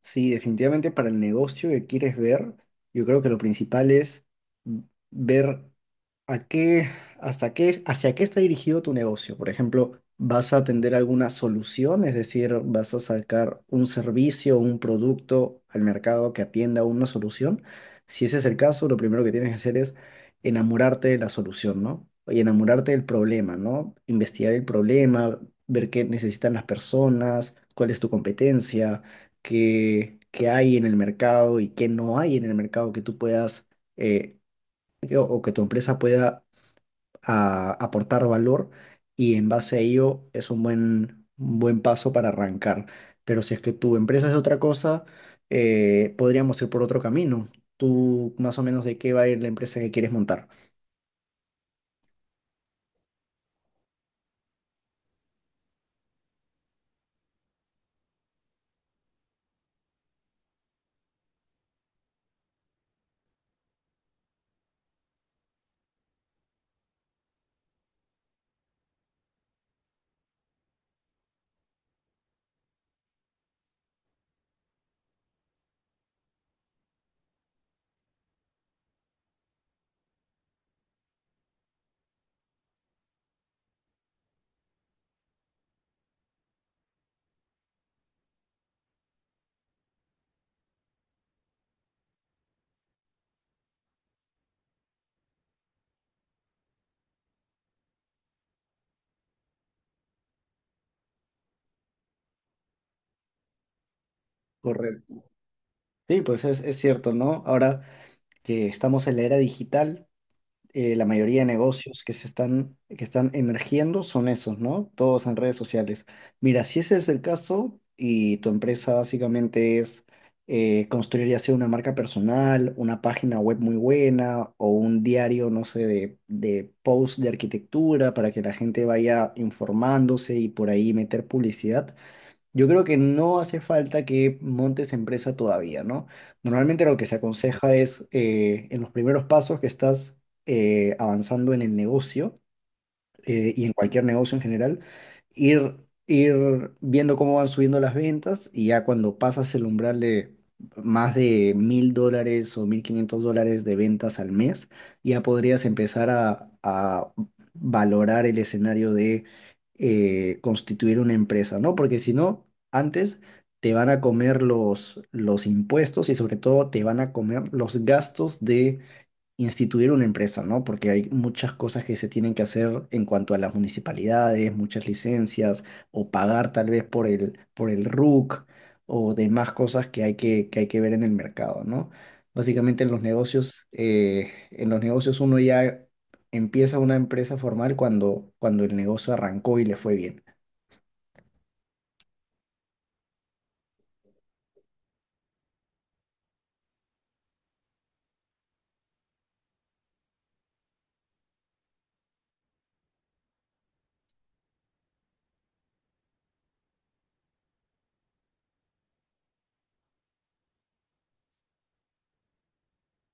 Sí, definitivamente para el negocio que quieres ver, yo creo que lo principal es ver. ¿A qué, hasta qué, hacia qué está dirigido tu negocio? Por ejemplo, ¿vas a atender alguna solución? Es decir, ¿vas a sacar un servicio o un producto al mercado que atienda una solución? Si ese es el caso, lo primero que tienes que hacer es enamorarte de la solución, ¿no? Y enamorarte del problema, ¿no? Investigar el problema, ver qué necesitan las personas, cuál es tu competencia, qué hay en el mercado y qué no hay en el mercado que tú puedas... eh, o que tu empresa pueda a aportar valor y en base a ello es un buen paso para arrancar. Pero si es que tu empresa es otra cosa, podríamos ir por otro camino. ¿Tú más o menos de qué va a ir la empresa que quieres montar? Correcto. Sí, pues es cierto, ¿no? Ahora que estamos en la era digital. La mayoría de negocios que están emergiendo son esos, ¿no? Todos en redes sociales. Mira, si ese es el caso y tu empresa básicamente es construir ya sea una marca personal, una página web muy buena o un diario, no sé, de post de arquitectura para que la gente vaya informándose y por ahí meter publicidad. Yo creo que no hace falta que montes empresa todavía, ¿no? Normalmente lo que se aconseja es en los primeros pasos que estás avanzando en el negocio, y en cualquier negocio en general, ir, ir viendo cómo van subiendo las ventas, y ya cuando pasas el umbral de más de $1000 o $1500 de ventas al mes, ya podrías empezar a valorar el escenario de constituir una empresa, ¿no? Porque si no, antes te van a comer los impuestos, y sobre todo te van a comer los gastos de instituir una empresa, ¿no? Porque hay muchas cosas que se tienen que hacer en cuanto a las municipalidades, muchas licencias, o pagar tal vez por el RUC, o demás cosas que hay que ver en el mercado, ¿no? Básicamente en los negocios, uno ya empieza una empresa formal cuando el negocio arrancó y le fue bien.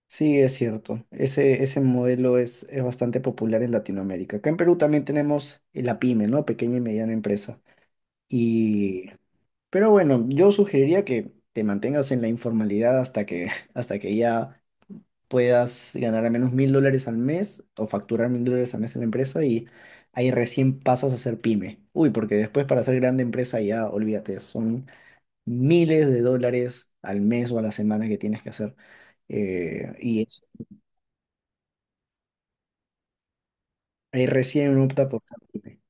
Sí, es cierto. Ese modelo es bastante popular en Latinoamérica. Acá en Perú también tenemos la pyme, ¿no? Pequeña y mediana empresa. Y pero bueno, yo sugeriría que te mantengas en la informalidad hasta que, hasta que ya puedas ganar al menos $1000 al mes o facturar $1000 al mes en la empresa, y ahí recién pasas a ser pyme. Uy, porque después para ser grande empresa ya, olvídate, son miles de dólares al mes o a la semana que tienes que hacer. Eh, y es- Ahí recién opta por ser pyme.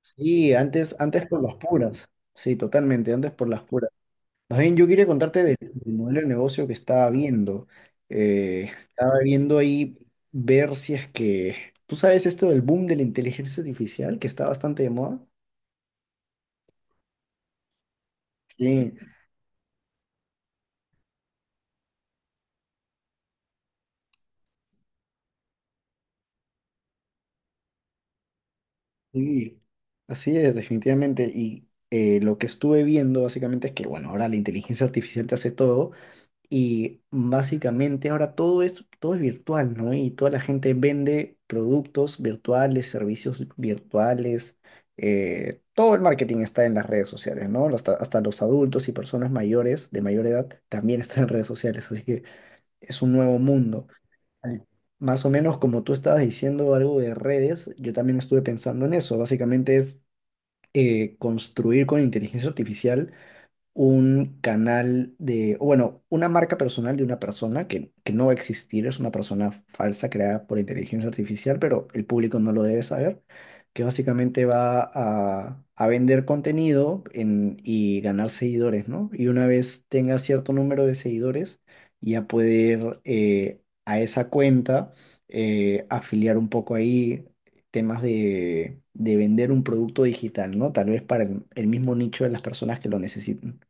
Sí, antes, antes por las puras. Sí, totalmente, antes por las puras. Más bien, yo quería contarte del modelo de negocio que estaba viendo. Estaba viendo ahí ver si es que... ¿Tú sabes esto del boom de la inteligencia artificial que está bastante de moda? Sí, sí. Así es, definitivamente. Y lo que estuve viendo básicamente es que, bueno, ahora la inteligencia artificial te hace todo. Y básicamente ahora todo es virtual, ¿no? Y toda la gente vende productos virtuales, servicios virtuales. Todo el marketing está en las redes sociales, ¿no? Hasta los adultos y personas mayores, de mayor edad, también están en redes sociales. Así que es un nuevo mundo. Al- Más o menos como tú estabas diciendo algo de redes, yo también estuve pensando en eso. Básicamente es construir con inteligencia artificial un canal de, o bueno, una marca personal de una persona que no va a existir, es una persona falsa creada por inteligencia artificial, pero el público no lo debe saber, que básicamente a vender contenido y ganar seguidores, ¿no? Y una vez tenga cierto número de seguidores, ya poder a esa cuenta, afiliar un poco ahí, temas de vender un producto digital, ¿no? Tal vez para el mismo nicho de las personas que lo necesitan.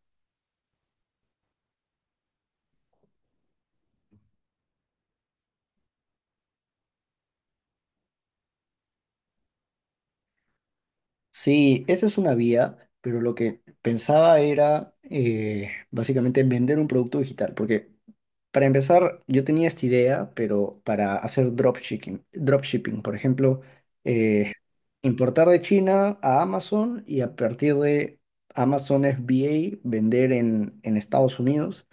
Sí, esa es una vía, pero lo que pensaba era básicamente vender un producto digital, porque para empezar yo tenía esta idea, pero para hacer dropshipping, por ejemplo, eh, importar de China a Amazon, y a partir de Amazon FBA vender en Estados Unidos.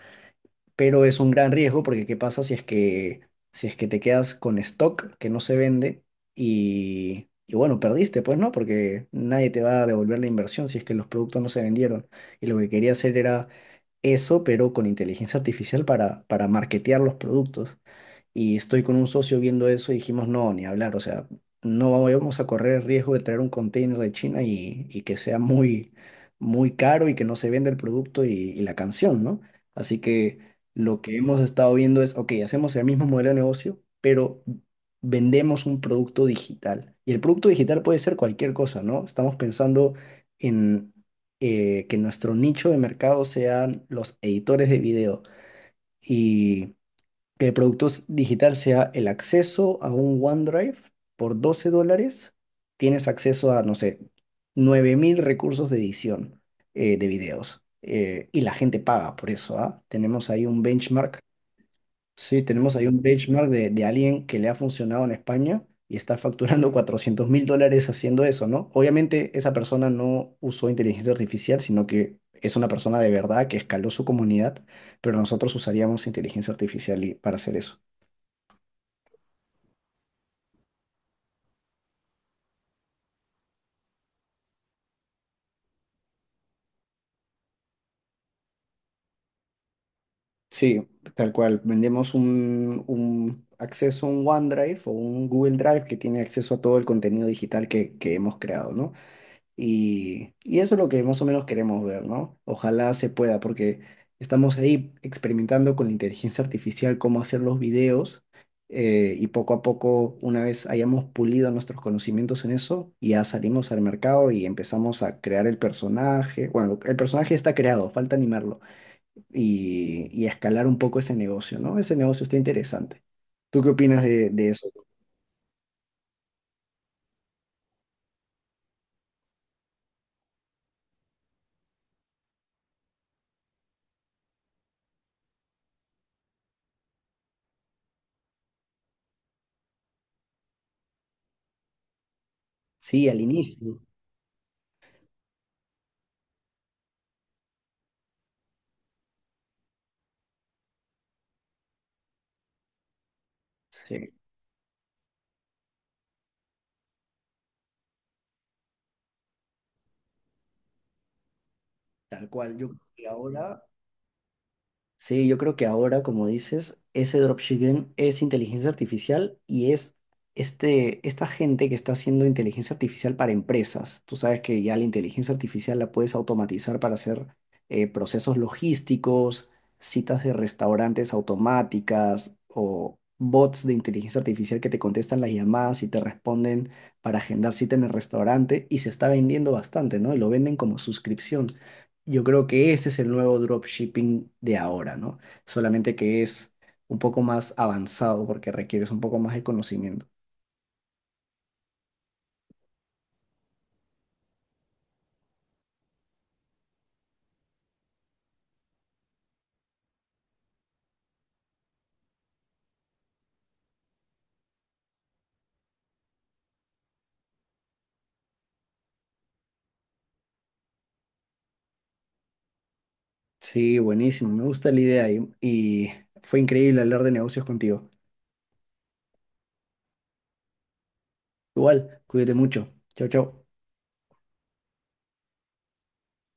Pero es un gran riesgo, porque ¿qué pasa si es que te quedas con stock que no se vende, y bueno, perdiste, pues no, porque nadie te va a devolver la inversión si es que los productos no se vendieron. Y lo que quería hacer era eso, pero con inteligencia artificial para marketear los productos. Y estoy con un socio viendo eso, y dijimos, no, ni hablar, o sea, no vamos a correr el riesgo de traer un container de China, y que sea muy caro y que no se venda el producto y la canción, ¿no? Así que lo que hemos estado viendo es, ok, hacemos el mismo modelo de negocio, pero vendemos un producto digital. Y el producto digital puede ser cualquier cosa, ¿no? Estamos pensando en que nuestro nicho de mercado sean los editores de video, que el producto digital sea el acceso a un OneDrive por $12. Tienes acceso a, no sé, 9000 recursos de edición de videos. Y la gente paga por eso, ¿ah? Tenemos ahí un benchmark. Sí, tenemos ahí un benchmark de alguien que le ha funcionado en España y está facturando $400,000 haciendo eso, ¿no? Obviamente esa persona no usó inteligencia artificial, sino que es una persona de verdad que escaló su comunidad, pero nosotros usaríamos inteligencia artificial para hacer eso. Sí, tal cual. Vendemos un acceso a un OneDrive o un Google Drive que tiene acceso a todo el contenido digital que hemos creado, ¿no? Y eso es lo que más o menos queremos ver, ¿no? Ojalá se pueda, porque estamos ahí experimentando con la inteligencia artificial cómo hacer los videos y poco a poco, una vez hayamos pulido nuestros conocimientos en eso, ya salimos al mercado y empezamos a crear el personaje. Bueno, el personaje está creado, falta animarlo y escalar un poco ese negocio, ¿no? Ese negocio está interesante. ¿Tú qué opinas de eso? Sí, al inicio. Sí, tal cual. Yo creo que ahora Sí, yo creo que ahora, como dices, ese dropshipping es inteligencia artificial, y es esta gente que está haciendo inteligencia artificial para empresas. Tú sabes que ya la inteligencia artificial la puedes automatizar para hacer procesos logísticos, citas de restaurantes automáticas o bots de inteligencia artificial que te contestan las llamadas y te responden para agendar cita en el restaurante, y se está vendiendo bastante, ¿no? Y lo venden como suscripción. Yo creo que ese es el nuevo dropshipping de ahora, ¿no? Solamente que es un poco más avanzado porque requieres un poco más de conocimiento. Sí, buenísimo, me gusta la idea y fue increíble hablar de negocios contigo. Igual, cuídate mucho. Chao, chao.